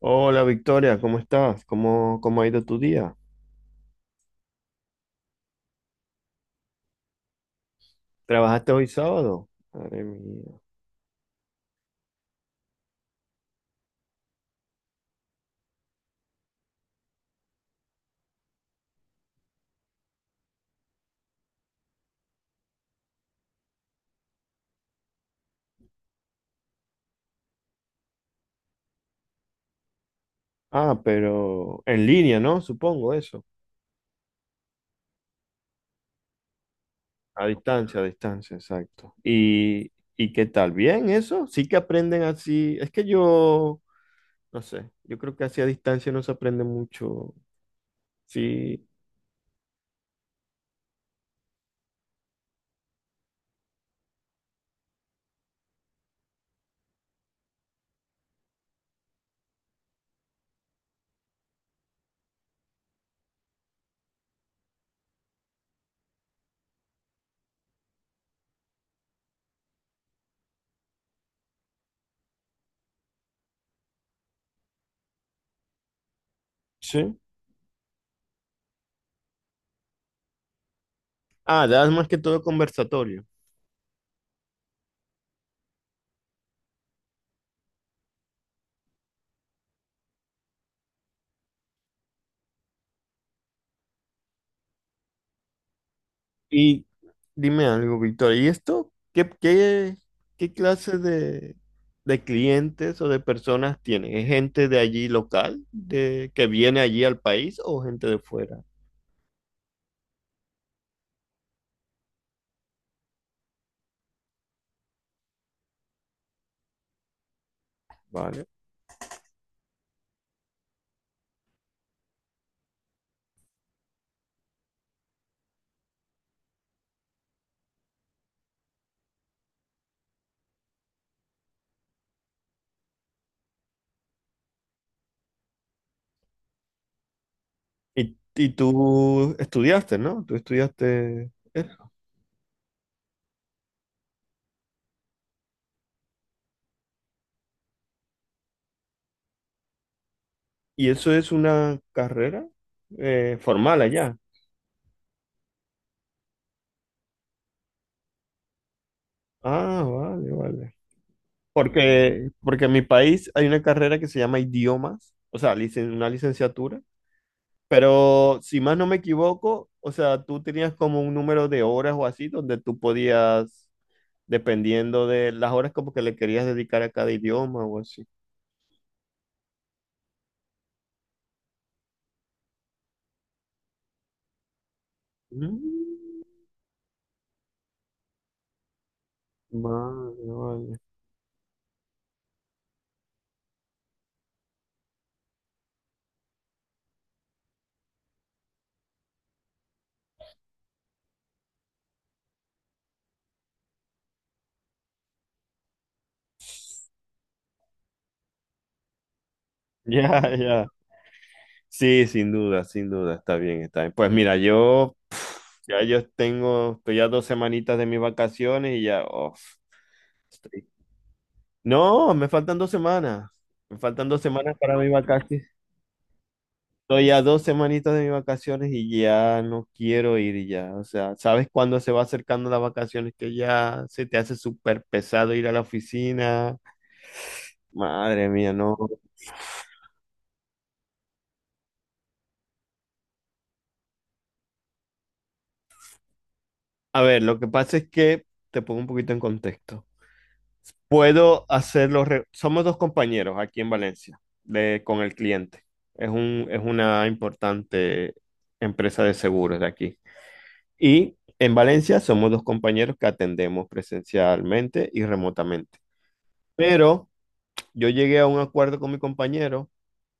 Hola Victoria, ¿cómo estás? ¿Cómo ha ido tu día? ¿Trabajaste hoy sábado? Madre mía. Ah, pero en línea, ¿no? Supongo eso. A distancia, exacto. ¿Y qué tal? ¿Bien eso? Sí que aprenden así. Es que yo, no sé, yo creo que así a distancia no se aprende mucho. Sí. Sí. Ah, das más que todo conversatorio. Y dime algo, Víctor, ¿y esto qué clase de clientes o de personas tiene? ¿Es gente de allí local, que viene allí al país o gente de fuera? ¿Vale? Y tú estudiaste, ¿no? Tú estudiaste. ¿Y eso es una carrera formal allá? Ah, vale, vale. Porque en mi país hay una carrera que se llama idiomas, o sea, una licenciatura. Pero si más no me equivoco, o sea, tú tenías como un número de horas o así donde tú podías, dependiendo de las horas como que le querías dedicar a cada idioma o así. Mm. Vale, vale. Ya, ya. Sí, sin duda, sin duda, está bien, está bien. Pues mira, yo ya yo tengo, estoy ya 2 semanitas de mis vacaciones y ya, uf, estoy- no, me faltan 2 semanas. Me faltan dos semanas para mi vacaciones. Estoy a 2 semanitas de mis vacaciones y ya no quiero ir ya. O sea, ¿sabes cuándo se va acercando las vacaciones que ya se te hace súper pesado ir a la oficina? Madre mía, no. A ver, lo que pasa es que te pongo un poquito en contexto. Puedo hacerlo. Somos dos compañeros aquí en Valencia con el cliente. Es una importante empresa de seguros de aquí. Y en Valencia somos dos compañeros que atendemos presencialmente y remotamente. Pero yo llegué a un acuerdo con mi compañero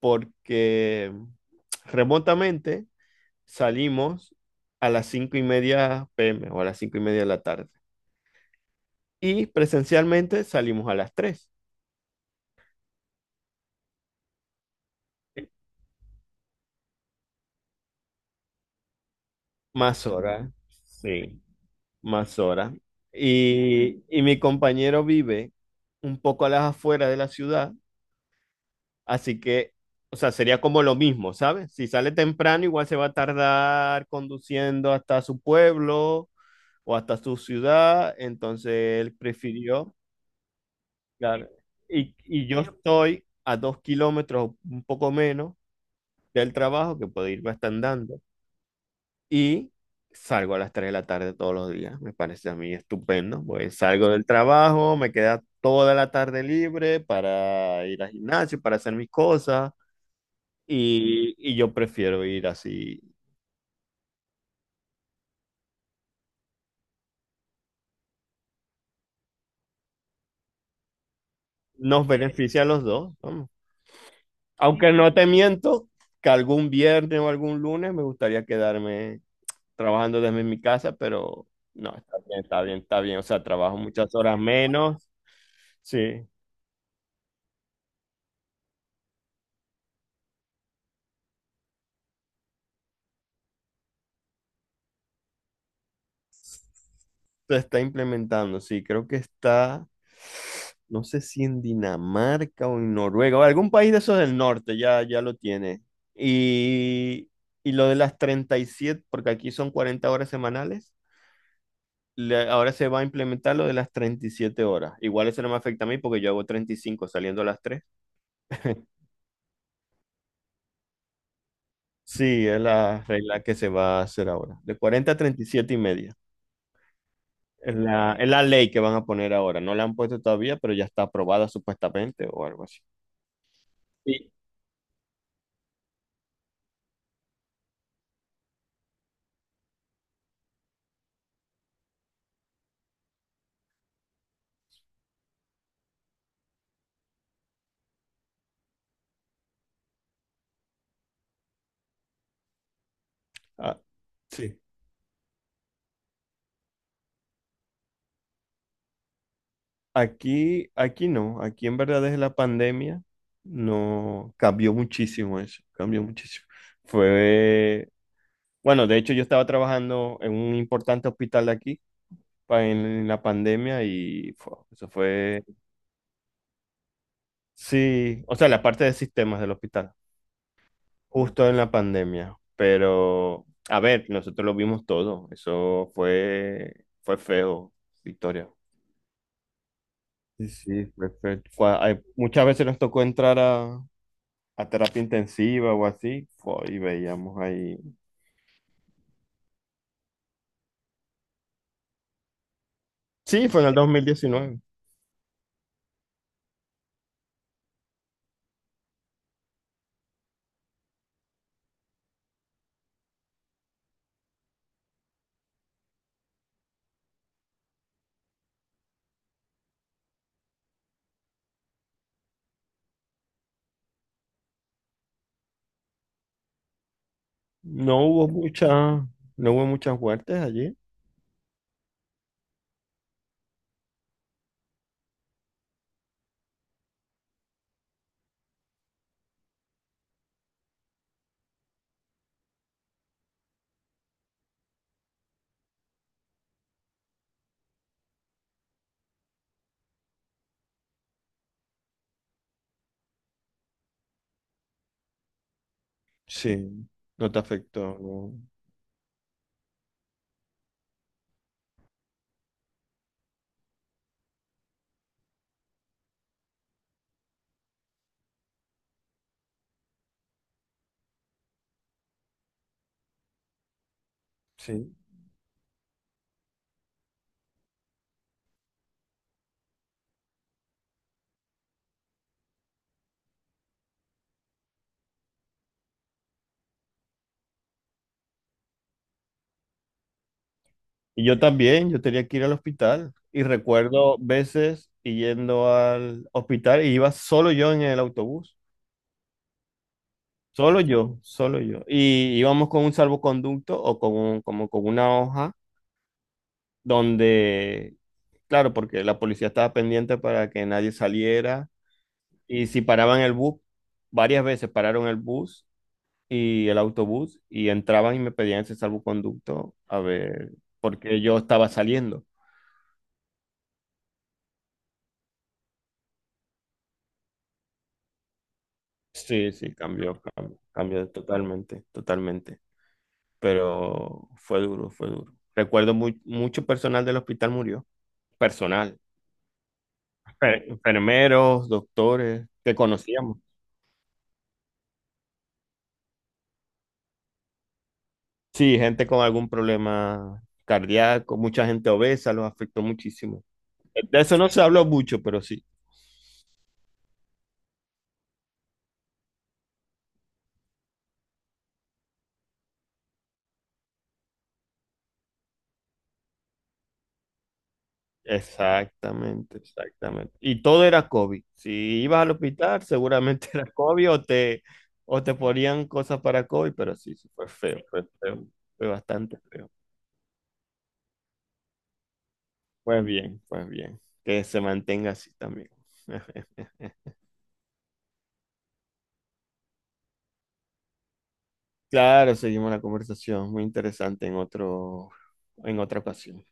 porque remotamente salimos a las 5:30 PM o a las 5:30 de la tarde. Y presencialmente salimos a las 3. Más horas, sí, más horas. Y mi compañero vive un poco a las afueras de la ciudad, así que, o sea, sería como lo mismo, ¿sabes? Si sale temprano, igual se va a tardar conduciendo hasta su pueblo o hasta su ciudad, entonces él prefirió, claro, y yo pero estoy a 2 kilómetros, un poco menos, del trabajo, que puedo irme hasta andando, y salgo a las 3 de la tarde todos los días, me parece a mí estupendo, pues salgo del trabajo, me queda toda la tarde libre para ir al gimnasio, para hacer mis cosas, y yo prefiero ir así, nos beneficia a los dos. Aunque no te miento que algún viernes o algún lunes me gustaría quedarme trabajando desde mi casa, pero no, está bien, está bien, está bien. O sea, trabajo muchas horas menos. Sí, se está implementando, sí, creo que está, no sé si en Dinamarca o en Noruega, o algún país de esos del norte ya, ya lo tiene. Y, y lo de las 37, porque aquí son 40 horas semanales. Ahora se va a implementar lo de las 37 horas. Igual eso no me afecta a mí porque yo hago 35 saliendo a las 3. Sí, es la regla que se va a hacer ahora. De 40 a 37 y siete y media. Es la ley que van a poner ahora. No la han puesto todavía, pero ya está aprobada supuestamente o algo así. Sí. Ah, sí. Aquí, aquí no. Aquí en verdad desde la pandemia no cambió muchísimo eso. Cambió muchísimo. Fue, bueno, de hecho yo estaba trabajando en un importante hospital de aquí en la pandemia y eso fue, sí, o sea, la parte de sistemas del hospital, justo en la pandemia, pero a ver, nosotros lo vimos todo, eso fue feo, Victoria. Sí, sí, fue feo. Muchas veces nos tocó entrar a terapia intensiva o así, y veíamos ahí. Sí, fue en el 2019. No hubo mucha, no hubo muchas muertes allí. Sí, no te afectó, no. Sí. Y yo también, yo tenía que ir al hospital. Y recuerdo veces y yendo al hospital y iba solo yo en el autobús. Solo yo, solo yo. Y íbamos con un salvoconducto o con como con una hoja donde, claro, porque la policía estaba pendiente para que nadie saliera. Y si paraban el bus, varias veces pararon el bus y el autobús y entraban y me pedían ese salvoconducto a ver por qué yo estaba saliendo. Sí, sí, cambió, cambió, cambió totalmente, totalmente. Pero fue duro, fue duro. Recuerdo mucho personal del hospital murió. Personal, enfermeros, doctores que conocíamos. Sí, gente con algún problema cardíaco, mucha gente obesa, los afectó muchísimo. De eso no se habló mucho, pero sí. Exactamente, exactamente. Y todo era COVID. Si ibas al hospital, seguramente era COVID o o te ponían cosas para COVID, pero sí, sí, fue feo, fue feo, fue bastante feo. Pues bien, que se mantenga así también. Claro, seguimos la conversación, muy interesante en otra ocasión.